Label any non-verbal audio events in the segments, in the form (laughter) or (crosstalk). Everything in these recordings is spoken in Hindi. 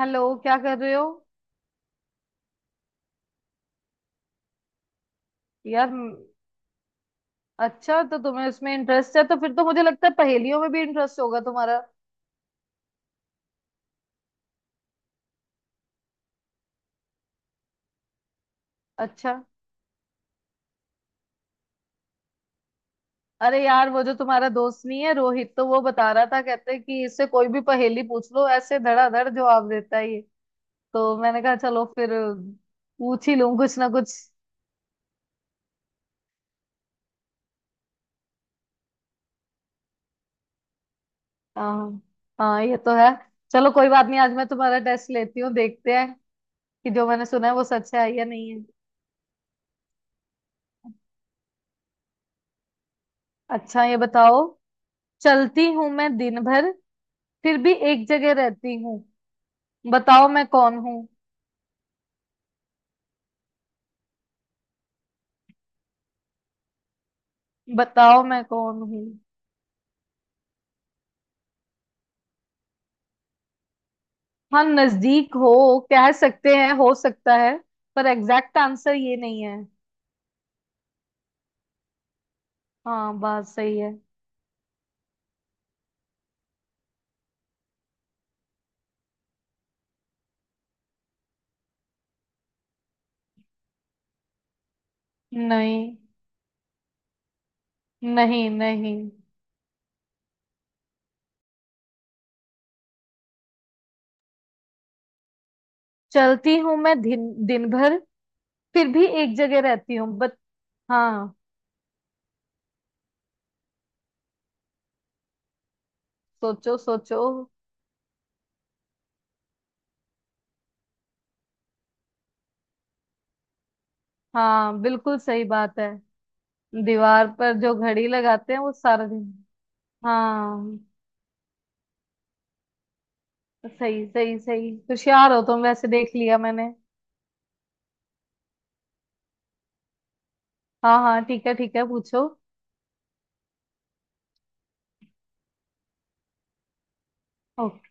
हेलो, क्या कर रहे हो। यार म- अच्छा, तो तुम्हें उसमें इंटरेस्ट है। तो फिर तो मुझे लगता है पहेलियों में भी इंटरेस्ट होगा तुम्हारा। अच्छा। अरे यार, वो जो तुम्हारा दोस्त नहीं है रोहित, तो वो बता रहा था, कहते हैं कि इससे कोई भी पहेली पूछ लो, ऐसे धड़ाधड़ जवाब देता है ये। तो मैंने कहा चलो फिर पूछ ही लूं कुछ ना कुछ। हाँ हाँ, ये तो है। चलो कोई बात नहीं, आज मैं तुम्हारा टेस्ट लेती हूँ, देखते हैं कि जो मैंने सुना है वो सच है या नहीं है। अच्छा, ये बताओ। चलती हूँ मैं दिन भर, फिर भी एक जगह रहती हूँ। बताओ मैं कौन हूँ। बताओ मैं कौन हूँ। हाँ, नजदीक हो। कह सकते हैं, हो सकता है, पर एग्जैक्ट आंसर ये नहीं है। हाँ, बात सही है। नहीं नहीं नहीं। चलती हूँ मैं दिन दिन भर, फिर भी एक जगह रहती हूँ, बट। हाँ, सोचो सोचो। हाँ, बिल्कुल सही बात है। दीवार पर जो घड़ी लगाते हैं वो सारा दिन। हाँ, सही सही सही, होशियार हो तुम वैसे, देख लिया मैंने। हाँ हाँ, ठीक है ठीक है, पूछो। ओके।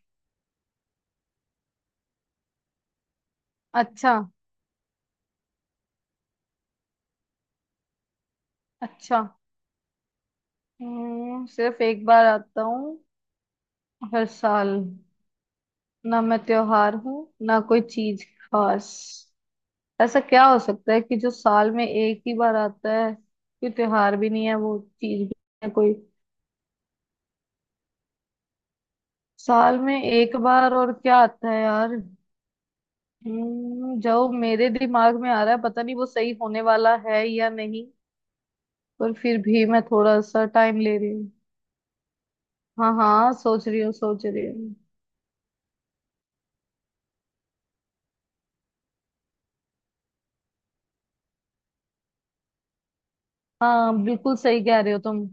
अच्छा। अच्छा। सिर्फ एक बार आता हूँ हर साल, ना मैं त्योहार हूँ, ना कोई चीज खास। ऐसा क्या हो सकता है कि जो साल में एक ही बार आता है, कोई त्योहार भी नहीं है, वो चीज भी नहीं है कोई। साल में एक बार और क्या आता है यार। जो मेरे दिमाग में आ रहा है, पता नहीं वो सही होने वाला है या नहीं। पर फिर भी मैं थोड़ा सा टाइम ले रही हूँ। हाँ हाँ, सोच रही हूँ सोच रही हूँ। हाँ, बिल्कुल सही कह रहे हो तुम।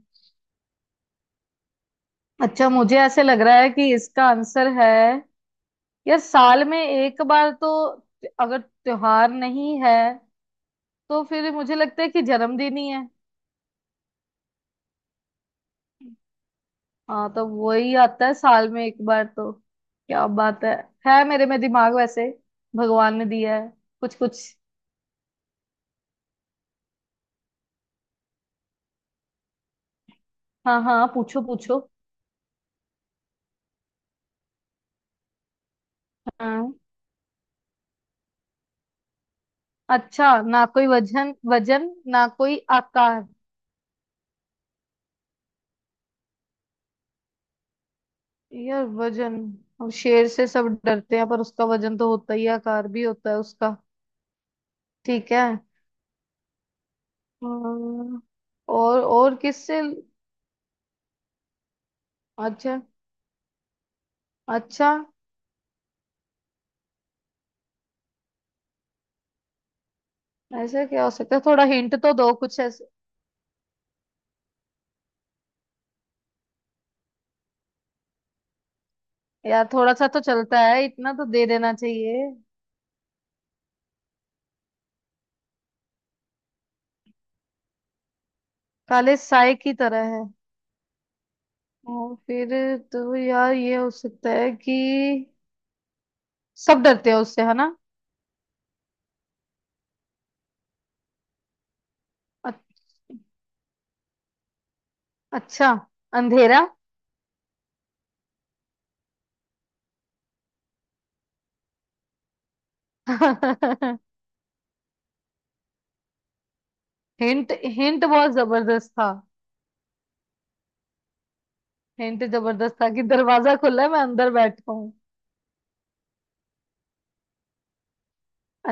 अच्छा, मुझे ऐसे लग रहा है कि इसका आंसर है, यार साल में एक बार तो अगर त्योहार नहीं है तो फिर मुझे लगता है कि जन्मदिन ही है। हाँ, तो वही आता है साल में एक बार, तो क्या बात है मेरे में दिमाग वैसे, भगवान ने दिया है कुछ कुछ। हाँ हाँ, पूछो पूछो। हाँ। अच्छा, ना कोई वजन वजन, ना कोई आकार। यार वजन, अब शेर से सब डरते हैं, पर उसका वजन तो होता ही है, आकार भी होता है उसका। ठीक है। अम्म, और किससे। अच्छा। अच्छा, ऐसा क्या हो सकता है, थोड़ा हिंट तो दो कुछ ऐसे। यार थोड़ा सा तो चलता है, इतना तो दे देना चाहिए। काले साए की तरह है। और फिर, तो यार ये हो सकता है कि सब डरते हैं उससे, है ना। अच्छ- अच्छा, अंधेरा। (laughs) हिंट हिंट बहुत जबरदस्त था। हिंट जबरदस्त था कि दरवाजा खुला है मैं अंदर बैठा हूँ।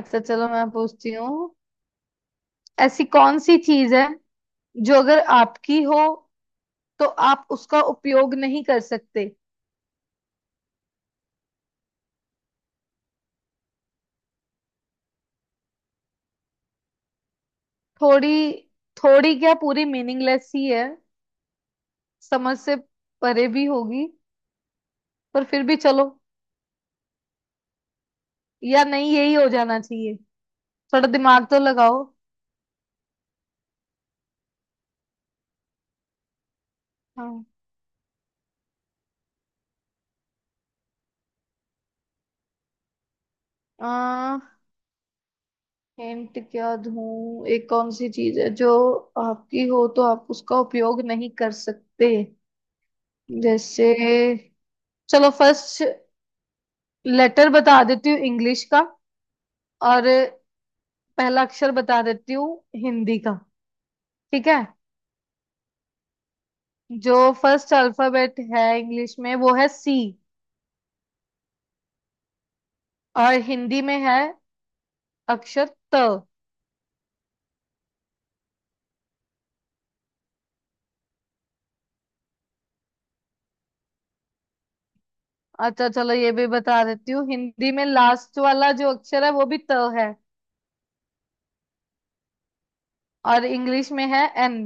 अच्छा चलो, मैं पूछती हूँ। ऐसी कौन सी चीज है जो अगर आपकी हो तो आप उसका उपयोग नहीं कर सकते। थोड़ी, थोड़ी क्या, पूरी मीनिंगलेस ही है, समझ से परे भी होगी, पर फिर भी चलो, या नहीं, यही हो जाना चाहिए, थोड़ा दिमाग तो लगाओ। हाँ। आ, हिंट क्या दूं, एक कौन सी चीज है जो आपकी हो तो आप उसका उपयोग नहीं कर सकते। जैसे, चलो फर्स्ट लेटर बता देती हूँ इंग्लिश का, और पहला अक्षर बता देती हूँ हिंदी का, ठीक है। जो फर्स्ट अल्फाबेट है इंग्लिश में वो है सी, और हिंदी में है अक्षर त। अच्छा चलो, ये भी बता देती हूँ, हिंदी में लास्ट वाला जो अक्षर है वो भी त है, और इंग्लिश में है एन।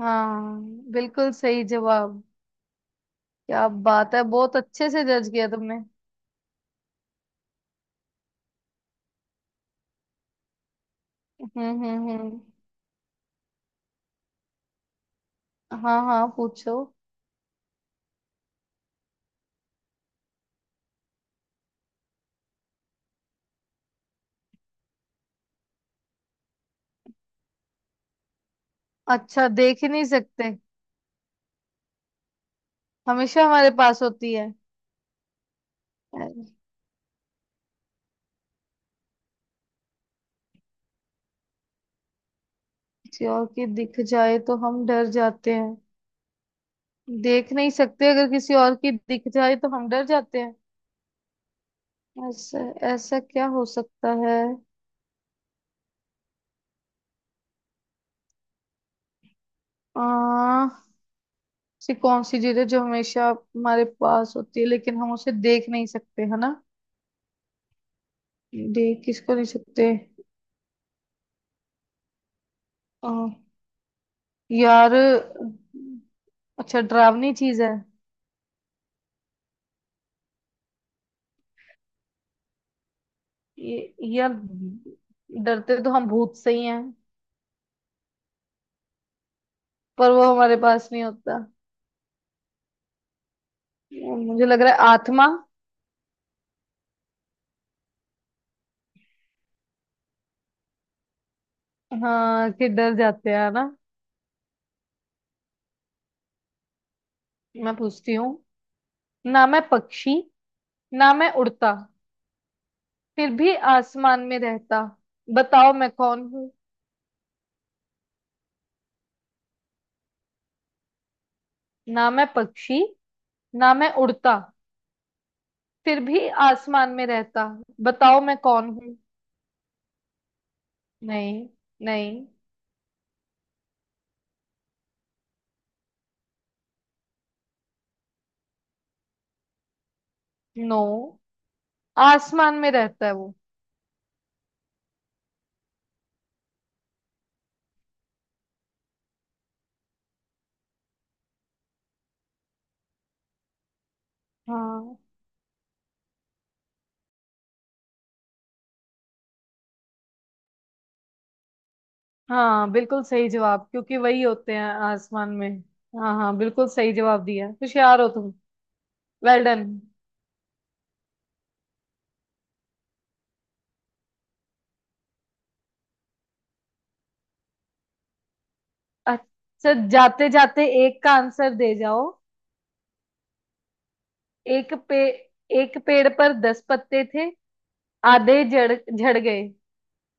हाँ, बिल्कुल सही जवाब। क्या बात है, बहुत अच्छे से जज किया तुमने। हम्म। हाँ हाँ, पूछो। अच्छा, देख ही नहीं सकते, हमेशा हमारे पास होती है, किसी और की दिख जाए तो हम डर जाते हैं। देख नहीं सकते, अगर किसी और की दिख जाए तो हम डर जाते हैं। ऐसा ऐसा क्या हो सकता है। आ, ऐसी कौन सी चीज है जो हमेशा हमारे पास होती है, लेकिन हम उसे देख नहीं सकते, है ना। देख किसको नहीं सकते। आ, यार। अच्छा, डरावनी चीज है। ये यार, डरते तो हम भूत से ही हैं, पर वो हमारे पास नहीं होता। मुझे लग रहा है आत्मा। हाँ, कि डर जाते हैं ना। मैं पूछती हूँ, ना मैं पक्षी, ना मैं उड़ता, फिर भी आसमान में रहता। बताओ मैं कौन हूँ। ना मैं पक्षी, ना मैं उड़ता, फिर भी आसमान में रहता। बताओ मैं कौन हूँ। नहीं। नहीं। नो, आसमान में रहता है वो। हाँ हाँ, बिल्कुल सही जवाब, क्योंकि वही होते हैं आसमान में। हाँ हाँ, बिल्कुल सही जवाब दिया, होशियार हो तुम। Well done. अच्छा, जाते जाते एक का आंसर दे जाओ। एक पे एक पेड़ पर 10 पत्ते थे, आधे झड़ झड़ गए,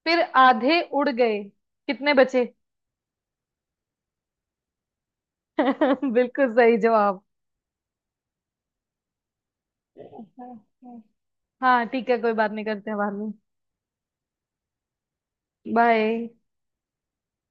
फिर आधे उड़ गए, कितने बचे। (laughs) बिल्कुल सही जवाब। हाँ ठीक है, कोई बात नहीं, करते हैं बाद में। बाय।